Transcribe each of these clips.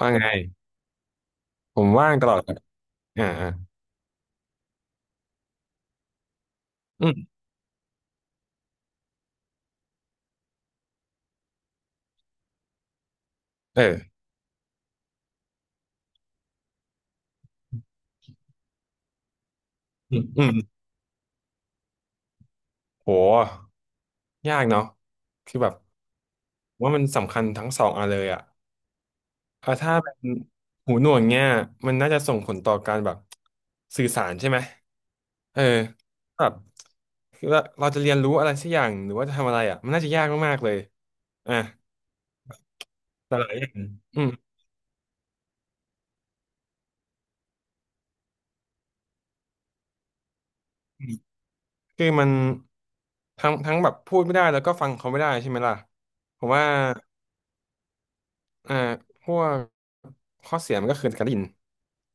ว่าไงผมว่างตลอดครับอ่าอ่าอืมเอออืมอืมโหยากเนาะคือแบบผมว่ามันสำคัญทั้งสองอันเลยอ่ะเออถ้าเป็นหูหนวกเงี้ยมันน่าจะส่งผลต่อการแบบสื่อสารใช่ไหมเออแบบคือเราจะเรียนรู้อะไรสักอย่างหรือว่าจะทำอะไรอ่ะมันน่าจะยากมากๆเลยอ่ะแต่หลายอย่างอืมอืมคือมันทั้งแบบพูดไม่ได้แล้วก็ฟังเขาไม่ได้ใช่ไหมล่ะผมว่า อ่าพวกข้อเสียมันก็คือการได้ยิน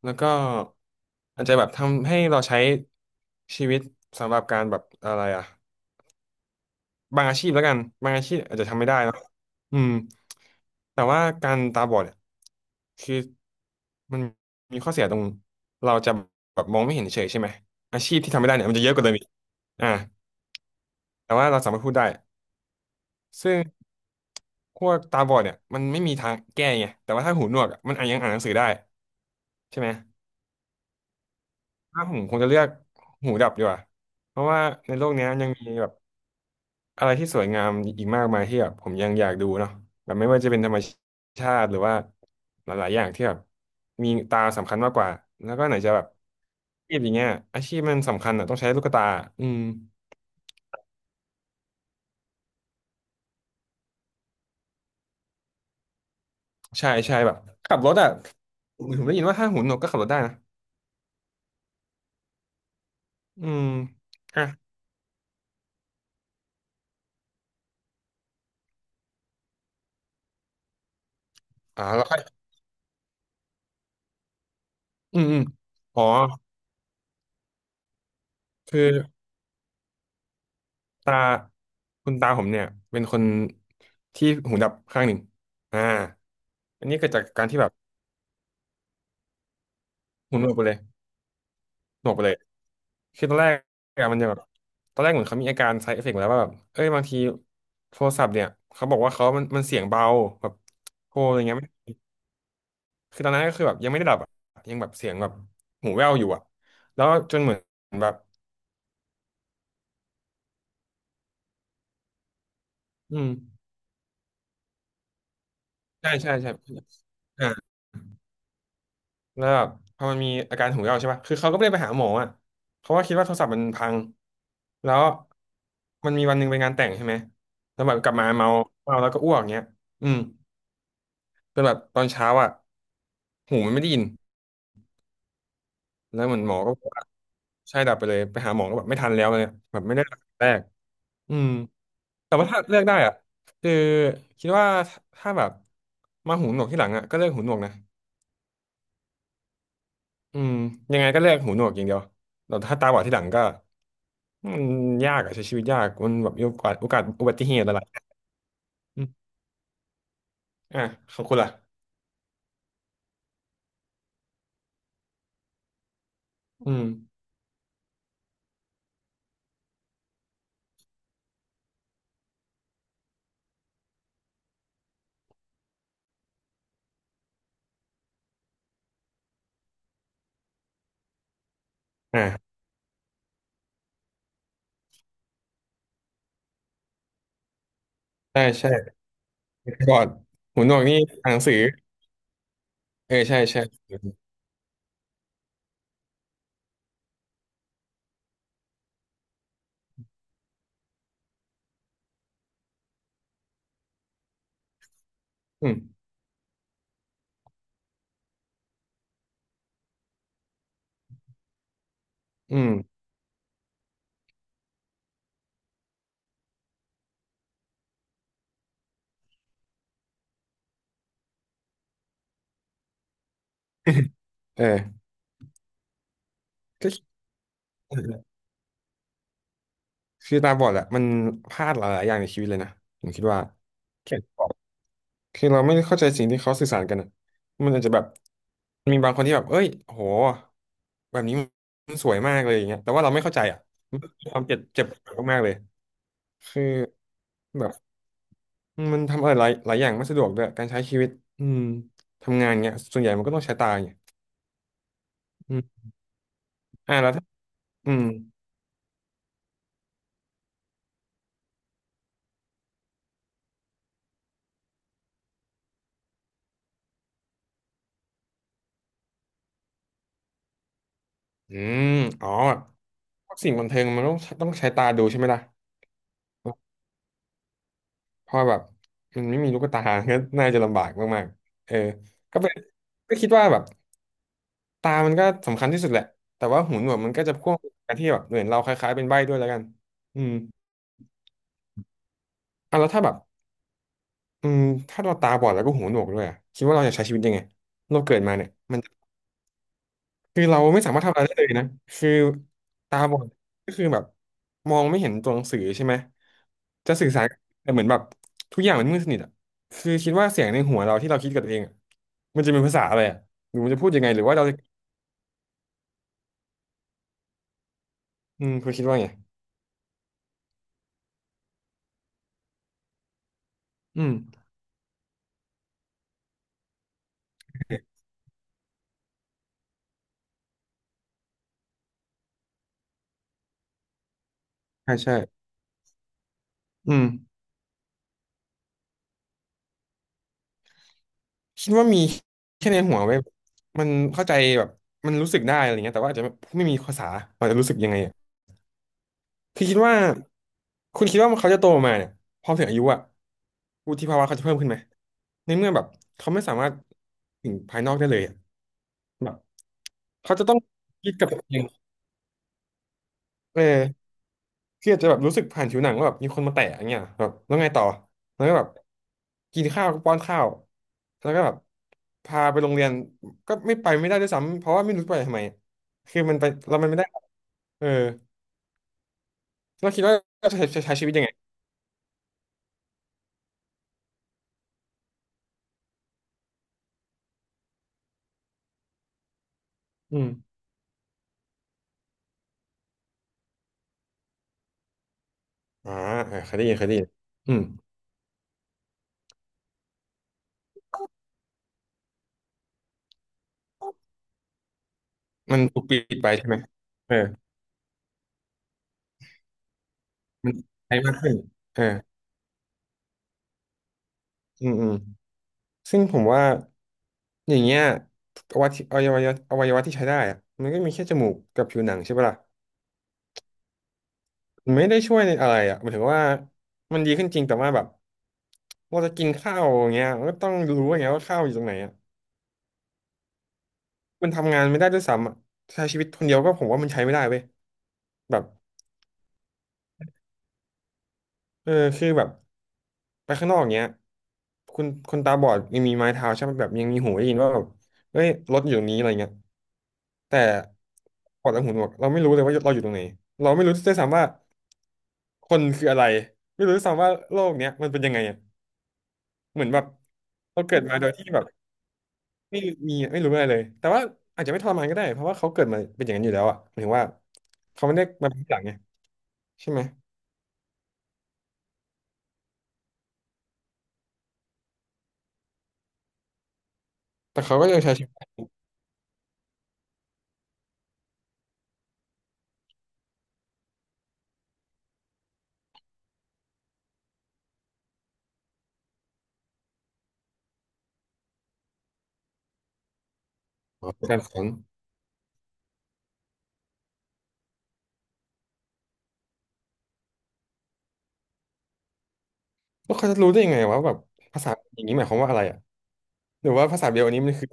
แล้วก็อาจจะแบบทำให้เราใช้ชีวิตสำหรับการแบบอะไรอ่ะบางอาชีพแล้วกันบางอาชีพอาจจะทำไม่ได้เนอะอืมแต่ว่าการตาบอดเนี่ยคือมันมีข้อเสียตรงเราจะแบบมองไม่เห็นเฉยใช่ไหมอาชีพที่ทำไม่ได้เนี่ยมันจะเยอะกว่าเดิมอีกอ่าแต่ว่าเราสามารถพูดได้ซึ่งพวกตาบอดเนี่ยมันไม่มีทางแก้ไงแต่ว่าถ้าหูหนวกอะมันอาจยังอ่านหนังสือได้ใช่ไหม ถ้าผมคงจะเลือกหูดับดีกว่าเพราะว่าในโลกเนี้ยยังมีแบบอะไรที่สวยงามอีกมากมายที่แบบผมยังอยากดูเนาะแบบไม่ว่าจะเป็นธรรมชาติหรือว่าหลายๆอย่างที่แบบมีตาสำคัญมากกว่าแล้วก็ไหนจะแบบอาชีพอย่างเงี้ยอาชีพมันสำคัญอ่ะต้องใช้ลูกตาอืมใช่ใช่แบบขับรถอ่ะผมได้ยินว่าถ้าหูหนวกก็ขับรถได้นะอืมอ่ะแล้วค่อยอืมอืมอ๋อคือ ตาคุณตาผมเนี่ยเป็นคนที่หูดับข้างหนึ่งอ่าอันนี้เกิดจากการที่แบบหูหนวกไปเลยหนวกไปเลยคือตอนแรกอะมันจะแบบตอนแรกเหมือนเขามีอาการ side effect มาแล้วว่าแบบเอ้ยบางทีโทรศัพท์เนี่ยเขาบอกว่าเขามันเสียงเบาแบบโทรอะไรเงี้ยไม่คือตอนนั้นก็คือแบบยังไม่ได้ดับอะยังแบบเสียงแบบหูแว่วอยู่อะแล้วจนเหมือนแบบอืมใช่ใช่ใช่อ่า แล้วแบบพอมันมีอาการหูยออกใช่ป่ะคือเขาก็ไม่ได้ไปหาหมออ่ะเขาก็คิดว่าโทรศัพท์มันพังแล้วมันมีวันหนึ่งไปงานแต่งใช่ไหมแล้วแบบกลับมาเมาเมาแล้วก็อ้วกเงี้ยอืมจนแบบตอนเช้าอ่ะหูมันไม่ได้ยินแล้วเหมือนหมอก็บอกว่าใช่ดับไปเลยไปหาหมอก็แบบไม่ทันแล้วเลยแบบไม่ได้ตักษาแรกอืมแต่ว่าถ้าเลือกได้อ่ะคือคิดว่าถ้าแบบมาหูหนวกที่หลังอ่ะก็เลือกหูหนวกนะอืมยังไงก็เลือกหูหนวกอย่างเดียวแต่ถ้าตาบอดที่หลังก็ มันยากอะใช้ชีวิตยากมันแบบมีโอกาสอุบัติเหตุอะไรอืมอ่ะขอบคุณล่ะอืมอ่าใช่ใช่ก่อนหูหนวกนี่อ่านหนังสือเออใช่ใช่อืมอืม เออก็คือตาบอดอะมันพลาดหลายๆอย่างในชีวิตเลยนะผมคิดว่าแค่บอกคือเราไม่ได้เข้าใจสิ่งที่เขาสื่อสารกันอะมันอาจจะแบบมีบางคนที่แบบเอ้ยโหแบบนี้มันสวยมากเลยอย่างเงี้ยแต่ว่าเราไม่เข้าใจอะมันเป็นความเจ็บเจ็บปวดมากๆเลยคือแบบ อืมมันทำอะไรหลายอย่างไม่สะดวกด้วยการใช้ชีวิตอืมทำงานเงี้ยส่วนใหญ่มันก็ต้องใช้ตาเงี้ยอืมแล้วถ้าอืมอืมอ๋อพวกสิ่งบันเทิงมันต้องใช้ตาดูใช่ไหมล่ะเพราะแบบมันไม่มีลูกตา ก็น่าจะลำบากมากๆเออก็เป็นก็คิดว่าแบบตามันก็สำคัญที่สุดแหละแต่ว่าหูหนวกมันก็จะพ่วงกันที่แบบเหมือนเราคล้ายๆเป็นใบ้ด้วยแล้วกันอืมอ่ะแล้วถ้าแบบอืมถ้าเราตาบอดแล้วก็หูหนวกด้วยอะคิดว่าเราจะใช้ชีวิตยังไงเราเกิดมาเนี่ย คือเราไม่สามารถทำอะไรได้เลยนะคือตาบอดก็คือแบบมองไม่เห็นตัวหนังสือใช่ไหมจะสื่อสารแต่เหมือนแบบทุกอย่างมันมืดสนิทอ่ะคือคิดว่าเสียงในหัวเราที่เราคิดกับตัวเองอะมันจะเป็นภาษาอะไรอ่ะหรือมันจะพูดยังไงหรือว่าเราจะอืมคุณคิดว่าไงอืมใช่ใช่อืมคิดว่ามีแค่ในหัวไว้ยมันเข้าใจแบบมันรู้สึกได้อะไรเงี้ยแต่ว่าอาจจะไม่มีภาษาเราจะรู้สึกยังไง คือคิดว่าคุณคิดว่าเขาจะโตมาเนี่ยพอถึงอายุอะวุฒิภาวะเขาจะเพิ่มขึ้นไหมในเมื่อแบบเขาไม่สามารถถึงภายนอกได้เลยอะแบบเขาจะต้องคิดกับตัวเองเออคืออาจจะแบบรู้สึกผ่านผิวหนังว่าแบบมีคนมาแตะอย่างเงี้ยแบบแล้วไงต่อแล้วก็แบบกินข้าวก็ป้อนข้าวแล้วก็แบบพาไปโรงเรียนก็ไม่ไปไม่ได้ด้วยซ้ำเพราะว่าไม่รู้ไปทำไมคือมันไปเรามันไม่ได้เออเราคิดว่าจะใช้ชีวิตยังไงอืม อ่าเออเคยได้ยินอืมมันถูกปิดไปใช่ไหมเออมันใช้มากขึ้นเอออืมอืมซึ่งผมว่าอย่างเงี้ยอวัยวะที่ใช้ได้อะมันก็มีแค่จมูกกับผิวหนังใช่ปะล่ะมันไม่ได้ช่วยในอะไรอ่ะหมายถึงว่ามันดีขึ้นจริงแต่ว่าแบบเราจะกินข้าวอย่างเงี้ยมันก็ต้องรู้อย่างเงี้ยว่าข้าวอยู่ตรงไหนอ่ะมันทำงานไม่ได้ด้วยซ้ำอ่ะใช้ชีวิตคนเดียวก็ผมว่ามันใช้ไม่ได้เว้ยแบบเออคือแบบ ไปข้างนอกเงี้ยคุณคนตาบอดยังมีไม้เท้าใช่ไหมแบบยังมีหูได้ยินว่าแบบเฮ้ยรถอยู่ตรงนี้อะไรเงี้ยแต่ปอดและหูหนวกเราไม่รู้เลยว่าเราอยู่ตรงไหนเราไม่รู้ด้วยซ้ำว่าคนคืออะไรไม่รู้ด้วยซ้ำว่าโลกเนี้ยมันเป็นยังไงอ่ะเหมือนแบบเราเกิดมาโดยที่แบบไม่ไม่รู้อะไรเลยแต่ว่าอาจจะไม่ทรมานก็ได้เพราะว่าเขาเกิดมาเป็นอย่างนั้นอยู่แล้วอ่ะหมายถึงว่าเขาไม่ได้มาเป็นทีหลังไงใช่ไหมแต่เขาก็ยังใช้ชีวิตของเขาเป็นการสอนแล้วเขาจะรู้ได้ยังไงวะแบบภาษาอย่างนี้หมายความว่าอะไรอ่ะ หรือว่าภาษาเบลอันนี้มันคือ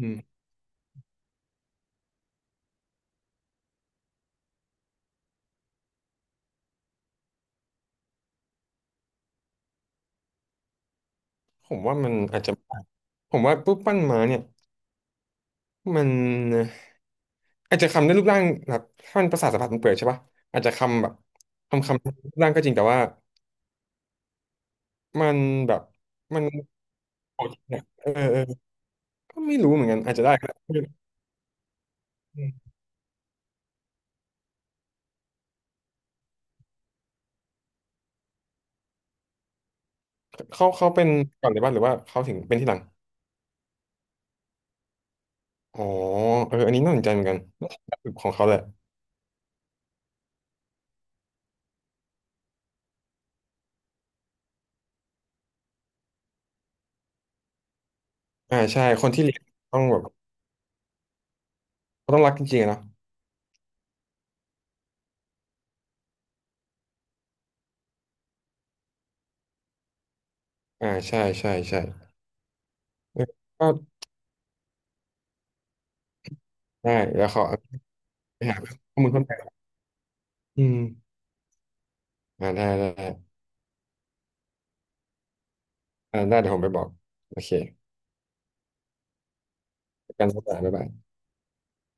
อืมผมว่ามันอาจจะผมว่ารูปปั้นม้าเนี่ยมันอาจจะคำได้รูปร่างแบบถ้ามันประสาทสัมผัสมันเปิดใช่ปะอาจจะคำแบบคำรูปร่างก็จริงแต่ว่ามันแบบมันโเเนี่ยเออเออก็ไม่รู้เหมือนกันอาจจะได้ก็ได้อืมเขาเป็นก่อนเลยป่ะหรือว่าเขาถึงเป็นที่หลังอ๋อเอออันนี้น่าสนใจเหมือนกันของเขาแหละอ่าใช่คนที่เลี้ยงต้องแบบต้องรักจริงๆอะเนาะอ่าใช่ใช่ใช่เออก็ได้แล้วเขา ไปหาข้อมูลเพิ่มเติมอืมอ่าได้ได้ได้อ่าได้เดี๋ยวผมไปบอกโอเคประกันสถานบ๊ายบาย